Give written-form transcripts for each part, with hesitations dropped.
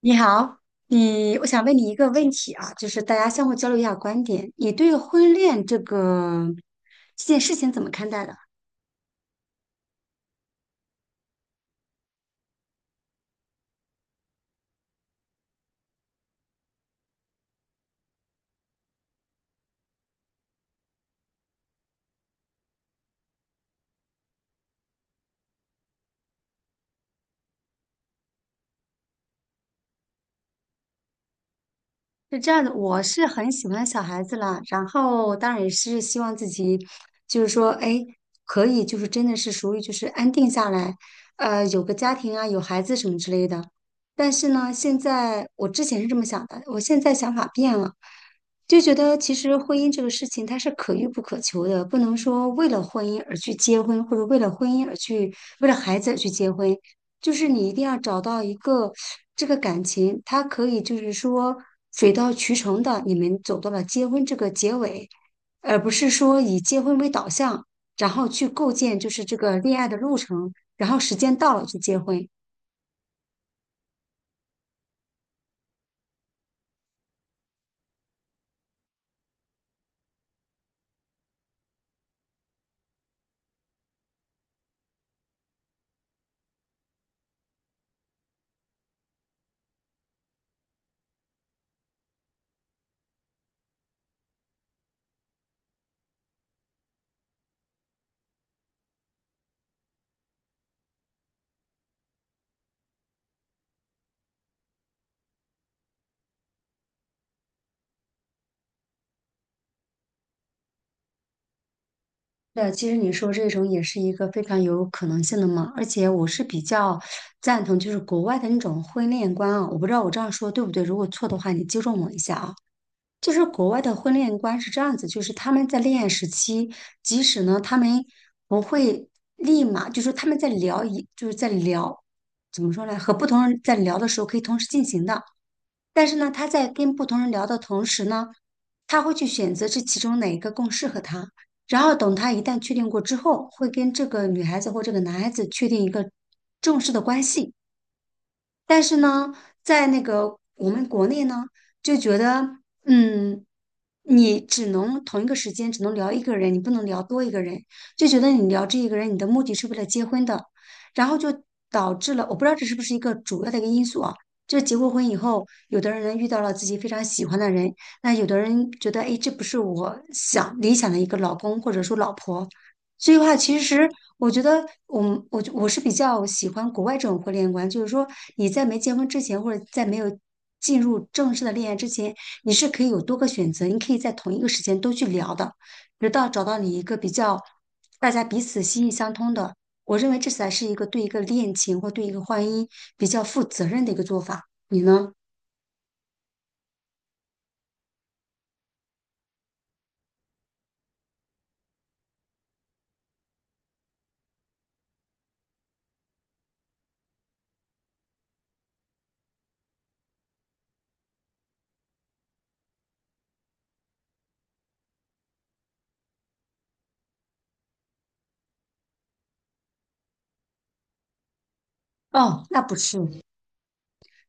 你好，我想问你一个问题啊，就是大家相互交流一下观点，你对婚恋这件事情怎么看待的？是这样的，我是很喜欢小孩子啦，然后当然也是希望自己，就是说，哎，可以，就是真的是属于就是安定下来，有个家庭啊，有孩子什么之类的。但是呢，现在我之前是这么想的，我现在想法变了，就觉得其实婚姻这个事情它是可遇不可求的，不能说为了婚姻而去结婚，或者为了婚姻而去，为了孩子而去结婚，就是你一定要找到一个这个感情，它可以就是说水到渠成的，你们走到了结婚这个结尾，而不是说以结婚为导向，然后去构建就是这个恋爱的路程，然后时间到了就结婚。对，其实你说这种也是一个非常有可能性的嘛，而且我是比较赞同就是国外的那种婚恋观啊，我不知道我这样说对不对，如果错的话你纠正我一下啊。就是国外的婚恋观是这样子，就是他们在恋爱时期，即使呢他们不会立马，就是他们在聊一，就是在聊，怎么说呢？和不同人在聊的时候可以同时进行的，但是呢，他在跟不同人聊的同时呢，他会去选择这其中哪一个更适合他，然后等他一旦确定过之后，会跟这个女孩子或这个男孩子确定一个正式的关系。但是呢，在那个我们国内呢，就觉得嗯。你只能同一个时间只能聊一个人，你不能聊多一个人，就觉得你聊这一个人，你的目的是为了结婚的，然后就导致了，我不知道这是不是一个主要的一个因素啊。就是结过婚以后，有的人遇到了自己非常喜欢的人，那有的人觉得，哎，这不是我想理想的一个老公或者说老婆。所以的话，其实我觉得我们，我是比较喜欢国外这种婚恋观，就是说你在没结婚之前，或者在没有进入正式的恋爱之前，你是可以有多个选择，你可以在同一个时间都去聊的，直到找到你一个比较大家彼此心意相通的。我认为这才是一个对一个恋情或对一个婚姻比较负责任的一个做法。你呢？哦，那不是。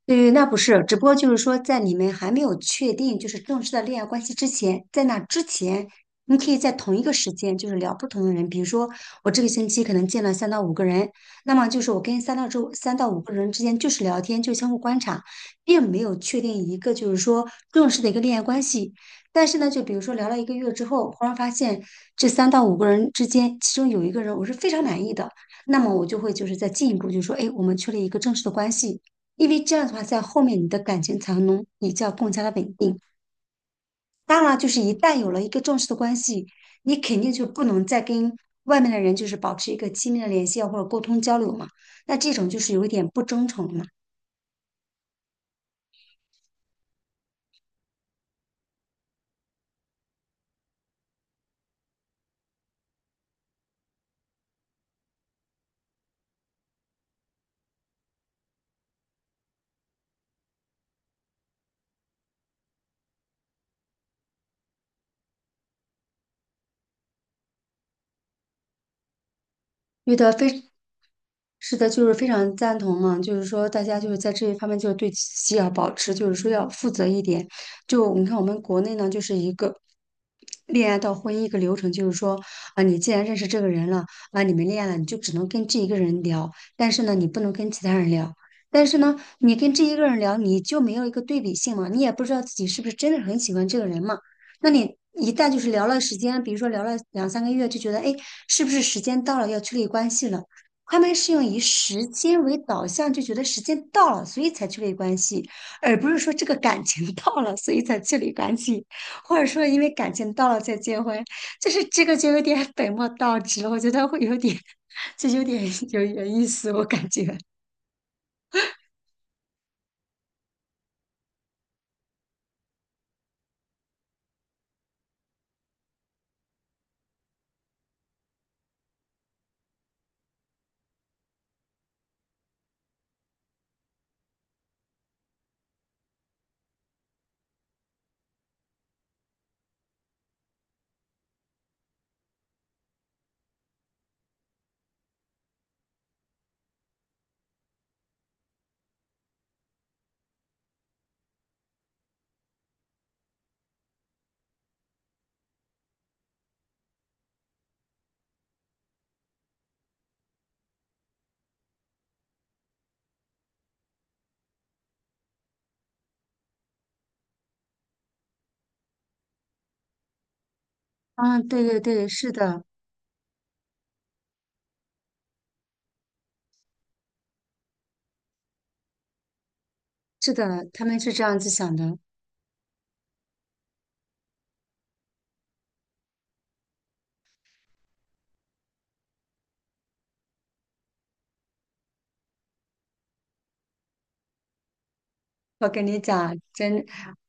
对，那不是，只不过就是说，在你们还没有确定就是正式的恋爱关系之前，在那之前，你可以在同一个时间就是聊不同的人。比如说，我这个星期可能见了三到五个人，那么就是我跟三到五个人之间就是聊天，就相互观察，并没有确定一个就是说正式的一个恋爱关系。但是呢，就比如说聊了一个月之后，忽然发现这三到五个人之间，其中有一个人我是非常满意的，那么我就会就是再进一步就说，哎，我们确立一个正式的关系。因为这样的话，在后面你的感情才能比较更加的稳定。当然了，就是一旦有了一个正式的关系，你肯定就不能再跟外面的人就是保持一个亲密的联系啊或者沟通交流嘛。那这种就是有一点不真诚了嘛。有的非是的，就是非常赞同嘛，就是说大家就是在这一方面，就是对自己要保持，就是说要负责一点。就你看我们国内呢，就是一个恋爱到婚姻一个流程，就是说啊，你既然认识这个人了啊，你们恋爱了，你就只能跟这一个人聊，但是呢，你不能跟其他人聊。但是呢，你跟这一个人聊，你就没有一个对比性嘛，你也不知道自己是不是真的很喜欢这个人嘛。那你一旦就是聊了时间，比如说聊了两三个月，就觉得哎，诶是不是时间到了要确立关系了？他们是用以时间为导向，就觉得时间到了，所以才确立关系，而不是说这个感情 到了，所以才确立关系，或者说因为感情到了再结婚，就是这个就有点 本末倒置了。我觉得会有点，就有点 有点意思，我感觉。嗯，对对对，是的，是的，他们是这样子想的。我跟你讲，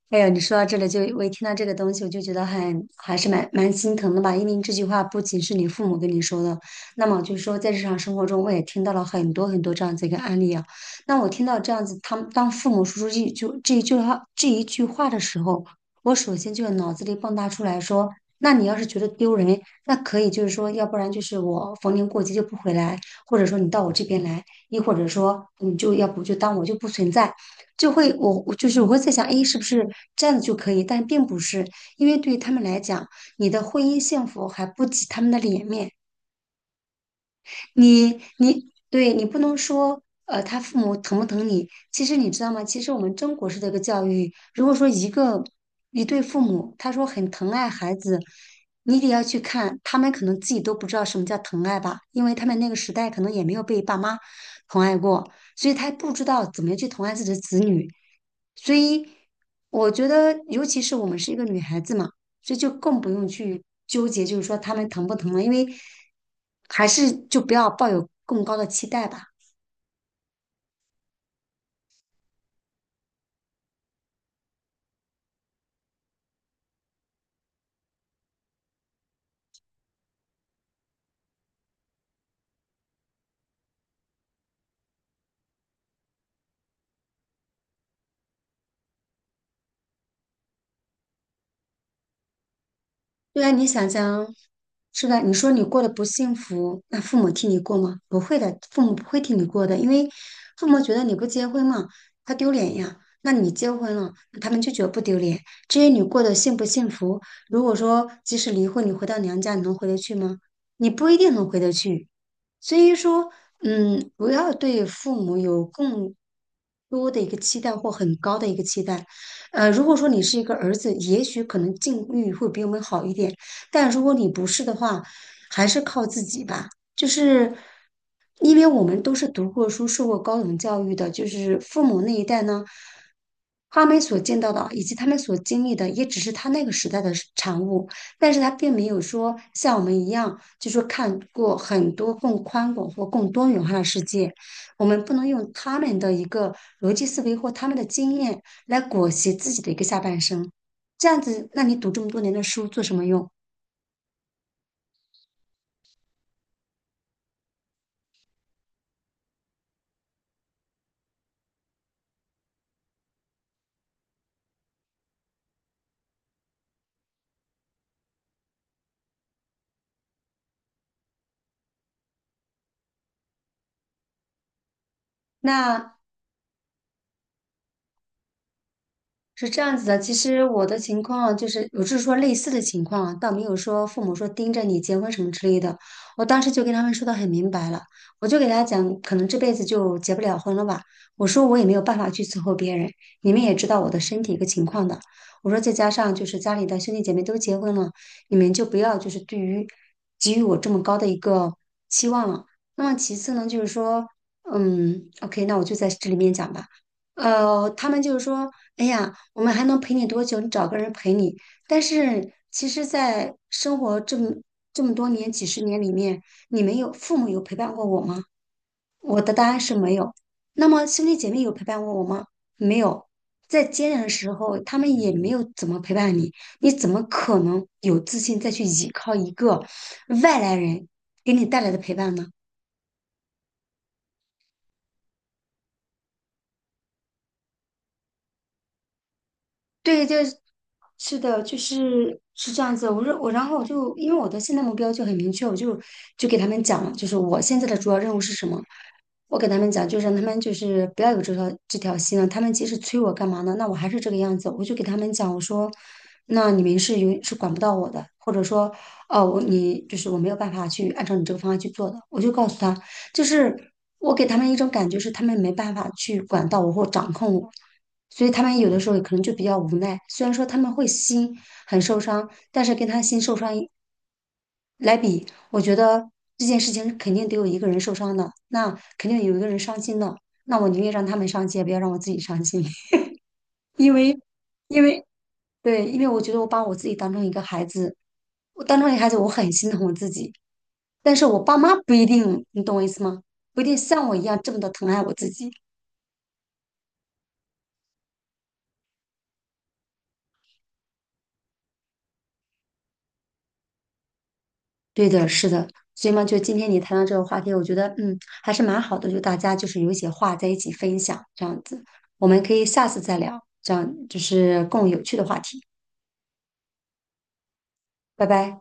哎呀，你说到这里就，我一听到这个东西，我就觉得很还是蛮心疼的吧。因为这句话不仅是你父母跟你说的，那么就是说在日常生活中，我也听到了很多很多这样子一个案例啊。那我听到这样子，他们当父母说出这一句话的时候，我首先就脑子里蹦跶出来说，那你要是觉得丢人，那可以就是说，要不然就是我逢年过节就不回来，或者说你到我这边来，亦或者说你就要不就当我就不存在。就会我我就是我会在想，哎，是不是这样子就可以？但并不是，因为对于他们来讲，你的婚姻幸福还不及他们的脸面。你不能说，他父母疼不疼你？其实你知道吗？其实我们中国式的一个教育，如果说一对父母，他说很疼爱孩子，你得要去看，他们可能自己都不知道什么叫疼爱吧，因为他们那个时代可能也没有被爸妈疼爱过，所以他不知道怎么样去疼爱自己的子女。所以我觉得，尤其是我们是一个女孩子嘛。所以就更不用去纠结，就是说他们疼不疼了，因为还是就不要抱有更高的期待吧。对啊，你想想，是吧？你说你过得不幸福，那父母替你过吗？不会的，父母不会替你过的，因为父母觉得你不结婚嘛，他丢脸呀。那你结婚了，他们就觉得不丢脸。至于你过得幸不幸福，如果说即使离婚，你回到娘家，你能回得去吗？你不一定能回得去。所以说，嗯，不要对父母有更多的一个期待或很高的一个期待。呃，如果说你是一个儿子，也许可能境遇会比我们好一点，但如果你不是的话，还是靠自己吧。就是因为我们都是读过书、受过高等教育的，就是父母那一代呢，他们所见到的以及他们所经历的，也只是他那个时代的产物，但是他并没有说像我们一样，就说看过很多更宽广或更多元化的世界。我们不能用他们的一个逻辑思维或他们的经验。来裹挟自己的一个下半生。这样子，那你读这么多年的书做什么用？那是这样子的，其实我的情况就是，我是说类似的情况啊，倒没有说父母说盯着你结婚什么之类的。我当时就跟他们说的很明白了，我就给他讲，可能这辈子就结不了婚了吧。我说我也没有办法去伺候别人，你们也知道我的身体一个情况的。我说再加上就是家里的兄弟姐妹都结婚了，你们就不要就是对于给予我这么高的一个期望了。那么其次呢，就是说，嗯，OK,那我就在这里面讲吧。他们就是说，哎呀，我们还能陪你多久？你找个人陪你。但是，其实，在生活这么多年、几十年里面，你们有父母有陪伴过我吗？我的答案是没有。那么，兄弟姐妹有陪伴过我吗？没有。在艰难的时候，他们也没有怎么陪伴你，你怎么可能有自信再去依靠一个外来人给你带来的陪伴呢？对，就是是的，就是是这样子。我说我，然后我就因为我的现在目标就很明确，我就给他们讲了，就是我现在的主要任务是什么。我给他们讲，就是让他们就是不要有这条心了。他们即使催我干嘛呢？那我还是这个样子。我就给他们讲，我说，那你们是管不到我的，或者说，哦，我你就是我没有办法去按照你这个方案去做的。我就告诉他，就是我给他们一种感觉是他们没办法去管到我或掌控我。所以他们有的时候可能就比较无奈。虽然说他们会心很受伤，但是跟他心受伤一来比，我觉得这件事情肯定得有一个人受伤的，那肯定有一个人伤心的。那我宁愿让他们伤心，也不要让我自己伤心，因为，因为对，因为我觉得我把我自己当成一个孩子，我当成一个孩子，我很心疼我自己，但是我爸妈不一定，你懂我意思吗？不一定像我一样这么的疼爱我自己。对的，是的，所以嘛，就今天你谈到这个话题，我觉得还是蛮好的，就大家就是有一些话在一起分享这样子，我们可以下次再聊，这样就是更有趣的话题，拜拜。